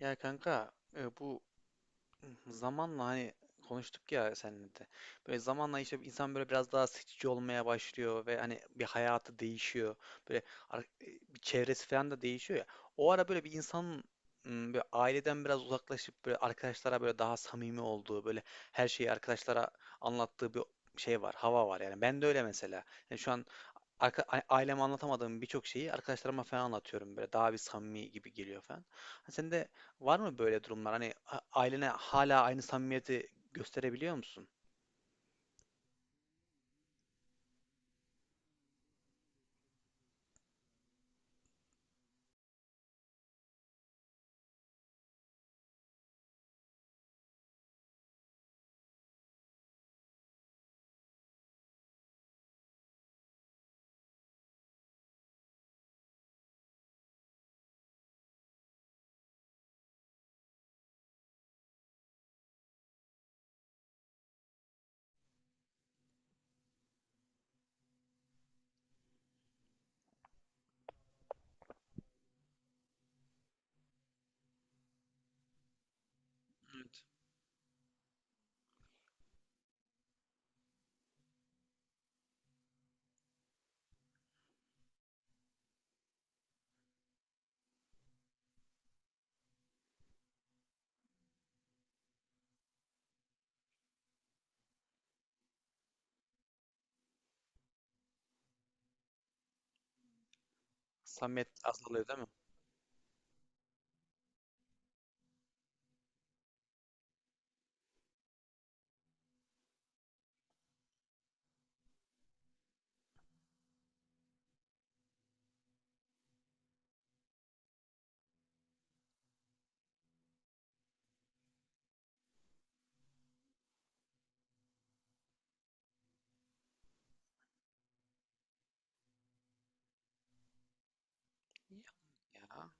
Ya kanka, bu zamanla hani konuştuk ya seninle de. Böyle zamanla işte insan böyle biraz daha seçici olmaya başlıyor ve hani bir hayatı değişiyor. Böyle ar- e, bir çevresi falan da değişiyor ya. O ara böyle bir insanın böyle aileden biraz uzaklaşıp böyle arkadaşlara böyle daha samimi olduğu, böyle her şeyi arkadaşlara anlattığı bir şey var, hava var yani. Ben de öyle mesela. Yani şu an aileme anlatamadığım birçok şeyi arkadaşlarıma falan anlatıyorum böyle daha bir samimi gibi geliyor falan. Hani sende var mı böyle durumlar? Hani ailene hala aynı samimiyeti gösterebiliyor musun? Evet. Samimiyet azalıyor değil mi? Ya.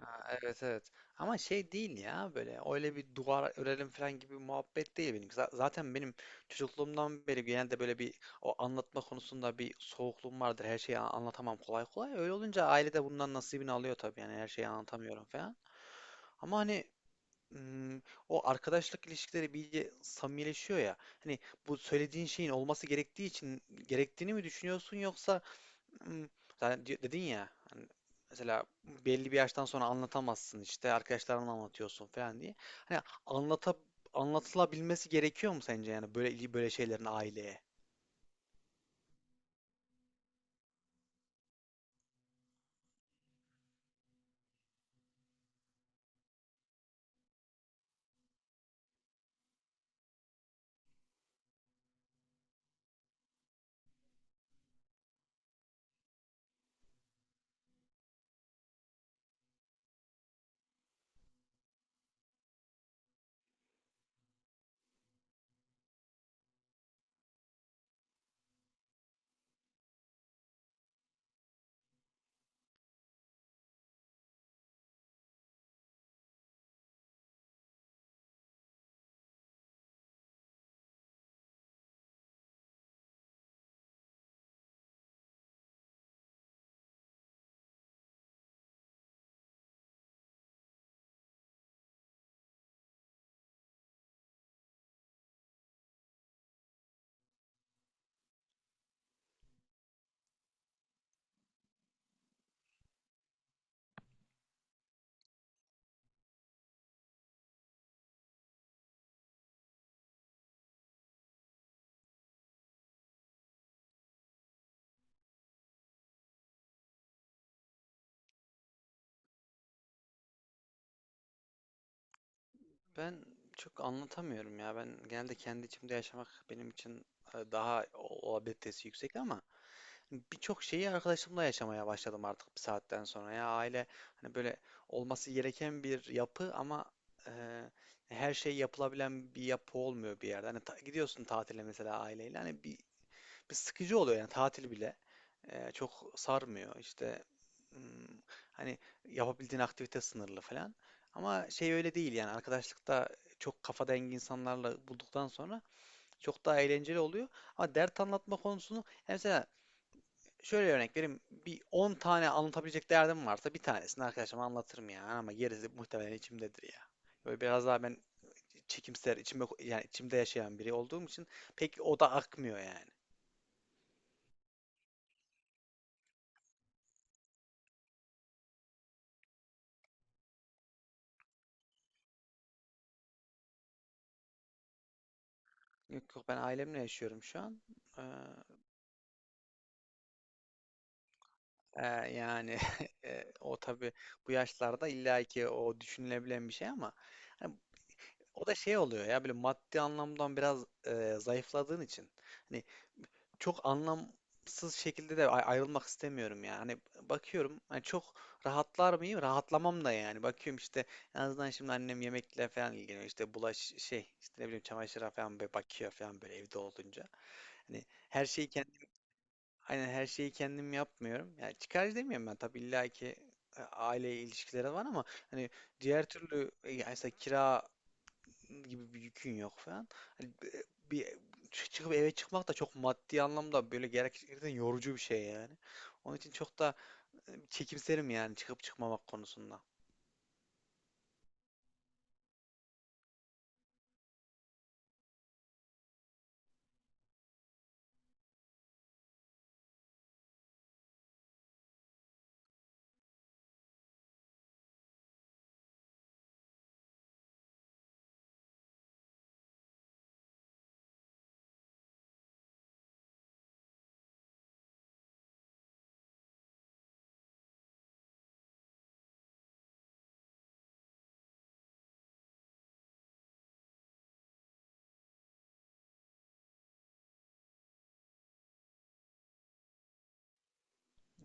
Ha, evet evet. Ama şey değil ya böyle öyle bir duvar örelim falan gibi bir muhabbet değil benim. Zaten benim çocukluğumdan beri genelde böyle bir o anlatma konusunda bir soğukluğum vardır. Her şeyi anlatamam kolay kolay. Öyle olunca ailede de bundan nasibini alıyor tabii yani her şeyi anlatamıyorum falan. Ama hani ım, o arkadaşlık ilişkileri bir iyice samimileşiyor ya. Hani bu söylediğin şeyin olması gerektiği için gerektiğini mi düşünüyorsun, yoksa Imm, zaten di dedin ya, hani, mesela belli bir yaştan sonra anlatamazsın, işte, arkadaşlarına anlatıyorsun falan diye. Hani, anlata anlatılabilmesi gerekiyor mu sence, yani, böyle böyle şeylerin aileye? Ben çok anlatamıyorum ya. Ben genelde kendi içimde yaşamak benim için, daha o olabilitesi yüksek ama birçok şeyi arkadaşımla yaşamaya başladım artık bir saatten sonra. Ya aile hani böyle olması gereken bir yapı ama e, her şey yapılabilen bir yapı olmuyor bir yerde. Hani gidiyorsun tatile mesela aileyle hani bir sıkıcı oluyor yani tatil bile çok sarmıyor işte, hmm, hani yapabildiğin aktivite sınırlı falan. Ama şey öyle değil yani arkadaşlıkta çok kafa dengi insanlarla bulduktan sonra çok daha eğlenceli oluyor. Ama dert anlatma konusunu yani mesela şöyle örnek vereyim. Bir 10 tane anlatabilecek derdim varsa bir tanesini arkadaşıma anlatırım ya. Ama gerisi muhtemelen içimdedir ya. Böyle biraz daha ben çekimser, içimde, yani içimde yaşayan biri olduğum için pek o da akmıyor yani. Yok yok, ben ailemle yaşıyorum şu an. Ee, e, yani o tabii bu yaşlarda illa ki o düşünülebilen bir şey ama hani o da şey oluyor ya böyle maddi anlamdan biraz zayıfladığın için. Hani çok anlamsız şekilde de ayrılmak istemiyorum yani. Hani bakıyorum hani çok rahatlar mıyım? Rahatlamam da yani. Bakıyorum işte en azından şimdi annem yemekle falan ilgileniyor. İşte bulaş şey işte ne bileyim çamaşıra falan böyle bakıyor falan böyle evde olunca. Hani her şeyi kendim Aynen her şeyi kendim yapmıyorum. Yani çıkarcı demiyorum ben tabii, illa ki aile ilişkileri var ama hani diğer türlü, yani mesela kira gibi bir yükün yok falan. Hani bir çıkıp eve çıkmak da çok maddi anlamda böyle gerçekten yorucu bir şey yani. Onun için çok da çekimserim yani çıkıp çıkmamak konusunda.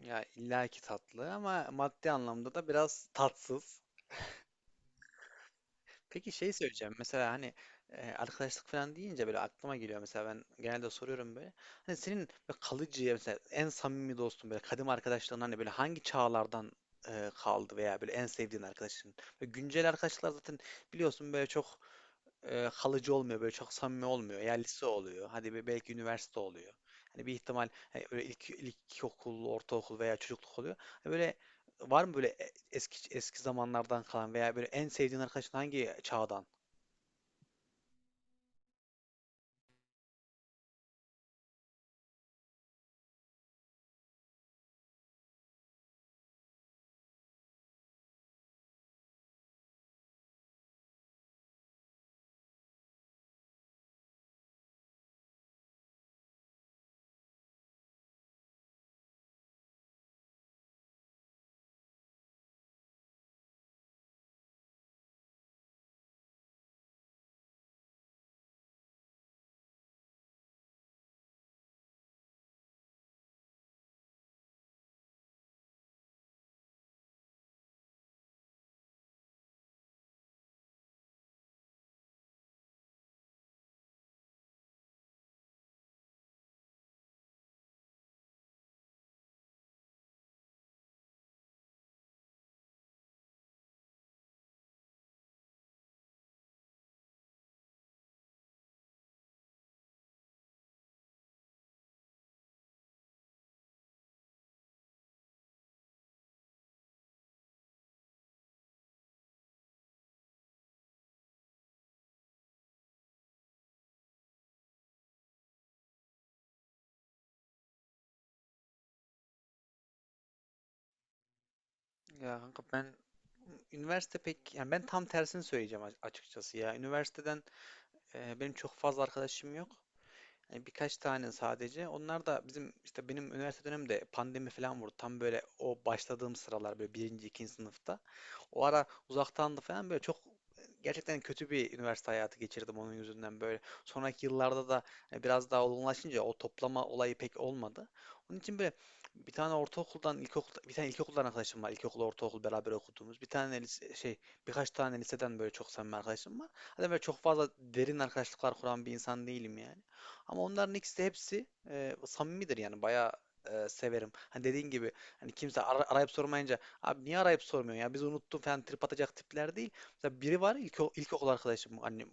Ya illaki tatlı ama maddi anlamda da biraz tatsız. Peki şey söyleyeceğim. Mesela hani arkadaşlık falan deyince böyle aklıma geliyor. Mesela ben genelde soruyorum böyle. Hani senin böyle kalıcı mesela en samimi dostun, böyle kadim arkadaşların hani böyle hangi çağlardan kaldı veya böyle en sevdiğin arkadaşın. Böyle güncel arkadaşlar zaten biliyorsun böyle çok kalıcı olmuyor böyle çok samimi olmuyor. Ya lise oluyor. Hadi belki üniversite oluyor. Hani bir ihtimal hani böyle ilkokul, ortaokul veya çocukluk oluyor. Hani böyle var mı böyle eski eski zamanlardan kalan veya böyle en sevdiğin arkadaşın hangi çağdan? Ya kanka, ben üniversite pek yani ben tam tersini söyleyeceğim açıkçası ya. Üniversiteden benim çok fazla arkadaşım yok. Yani birkaç tane sadece. Onlar da bizim işte benim üniversite dönemimde pandemi falan vurdu. Tam böyle o başladığım sıralar böyle birinci, ikinci sınıfta. O ara uzaktandı falan böyle çok gerçekten kötü bir üniversite hayatı geçirdim onun yüzünden böyle. Sonraki yıllarda da hani biraz daha olgunlaşınca o toplama olayı pek olmadı. Onun için böyle bir tane ortaokuldan, ilkokul bir tane ilkokuldan arkadaşım var. İlkokul, ortaokul beraber okuduğumuz. Bir tane lise, şey, birkaç tane liseden böyle çok samimi arkadaşım var. Hani böyle çok fazla derin arkadaşlıklar kuran bir insan değilim yani. Ama onların ikisi de hepsi samimidir yani bayağı severim. Hani dediğin gibi hani kimse arayıp sormayınca, abi niye arayıp sormuyorsun ya? Biz unuttum falan trip atacak tipler değil. Mesela biri var ilkokul arkadaşım, annem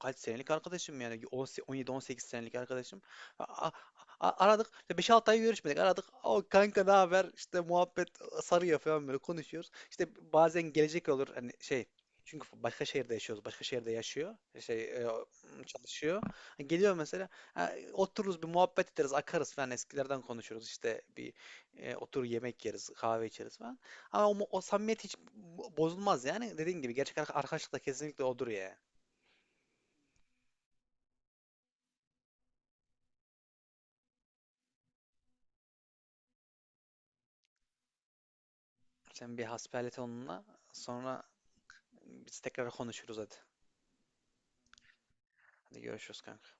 kaç senelik arkadaşım yani 17-18 senelik arkadaşım. A- a- Aradık işte beş altı ay görüşmedik, aradık. O kanka ne haber işte muhabbet sarıyor falan böyle konuşuyoruz. İşte bazen gelecek olur hani şey, çünkü başka şehirde yaşıyoruz. Başka şehirde yaşıyor. Şey, çalışıyor. Geliyor mesela. Ha, otururuz bir muhabbet ederiz. Akarız falan, eskilerden konuşuruz. İşte otur yemek yeriz. Kahve içeriz falan. Ama o samimiyet hiç bozulmaz yani. Dediğin gibi gerçek arkadaşlık da kesinlikle odur ya. Sen bir hasbihal et onunla. Sonra biz tekrar konuşuruz hadi. Hadi görüşürüz kanka.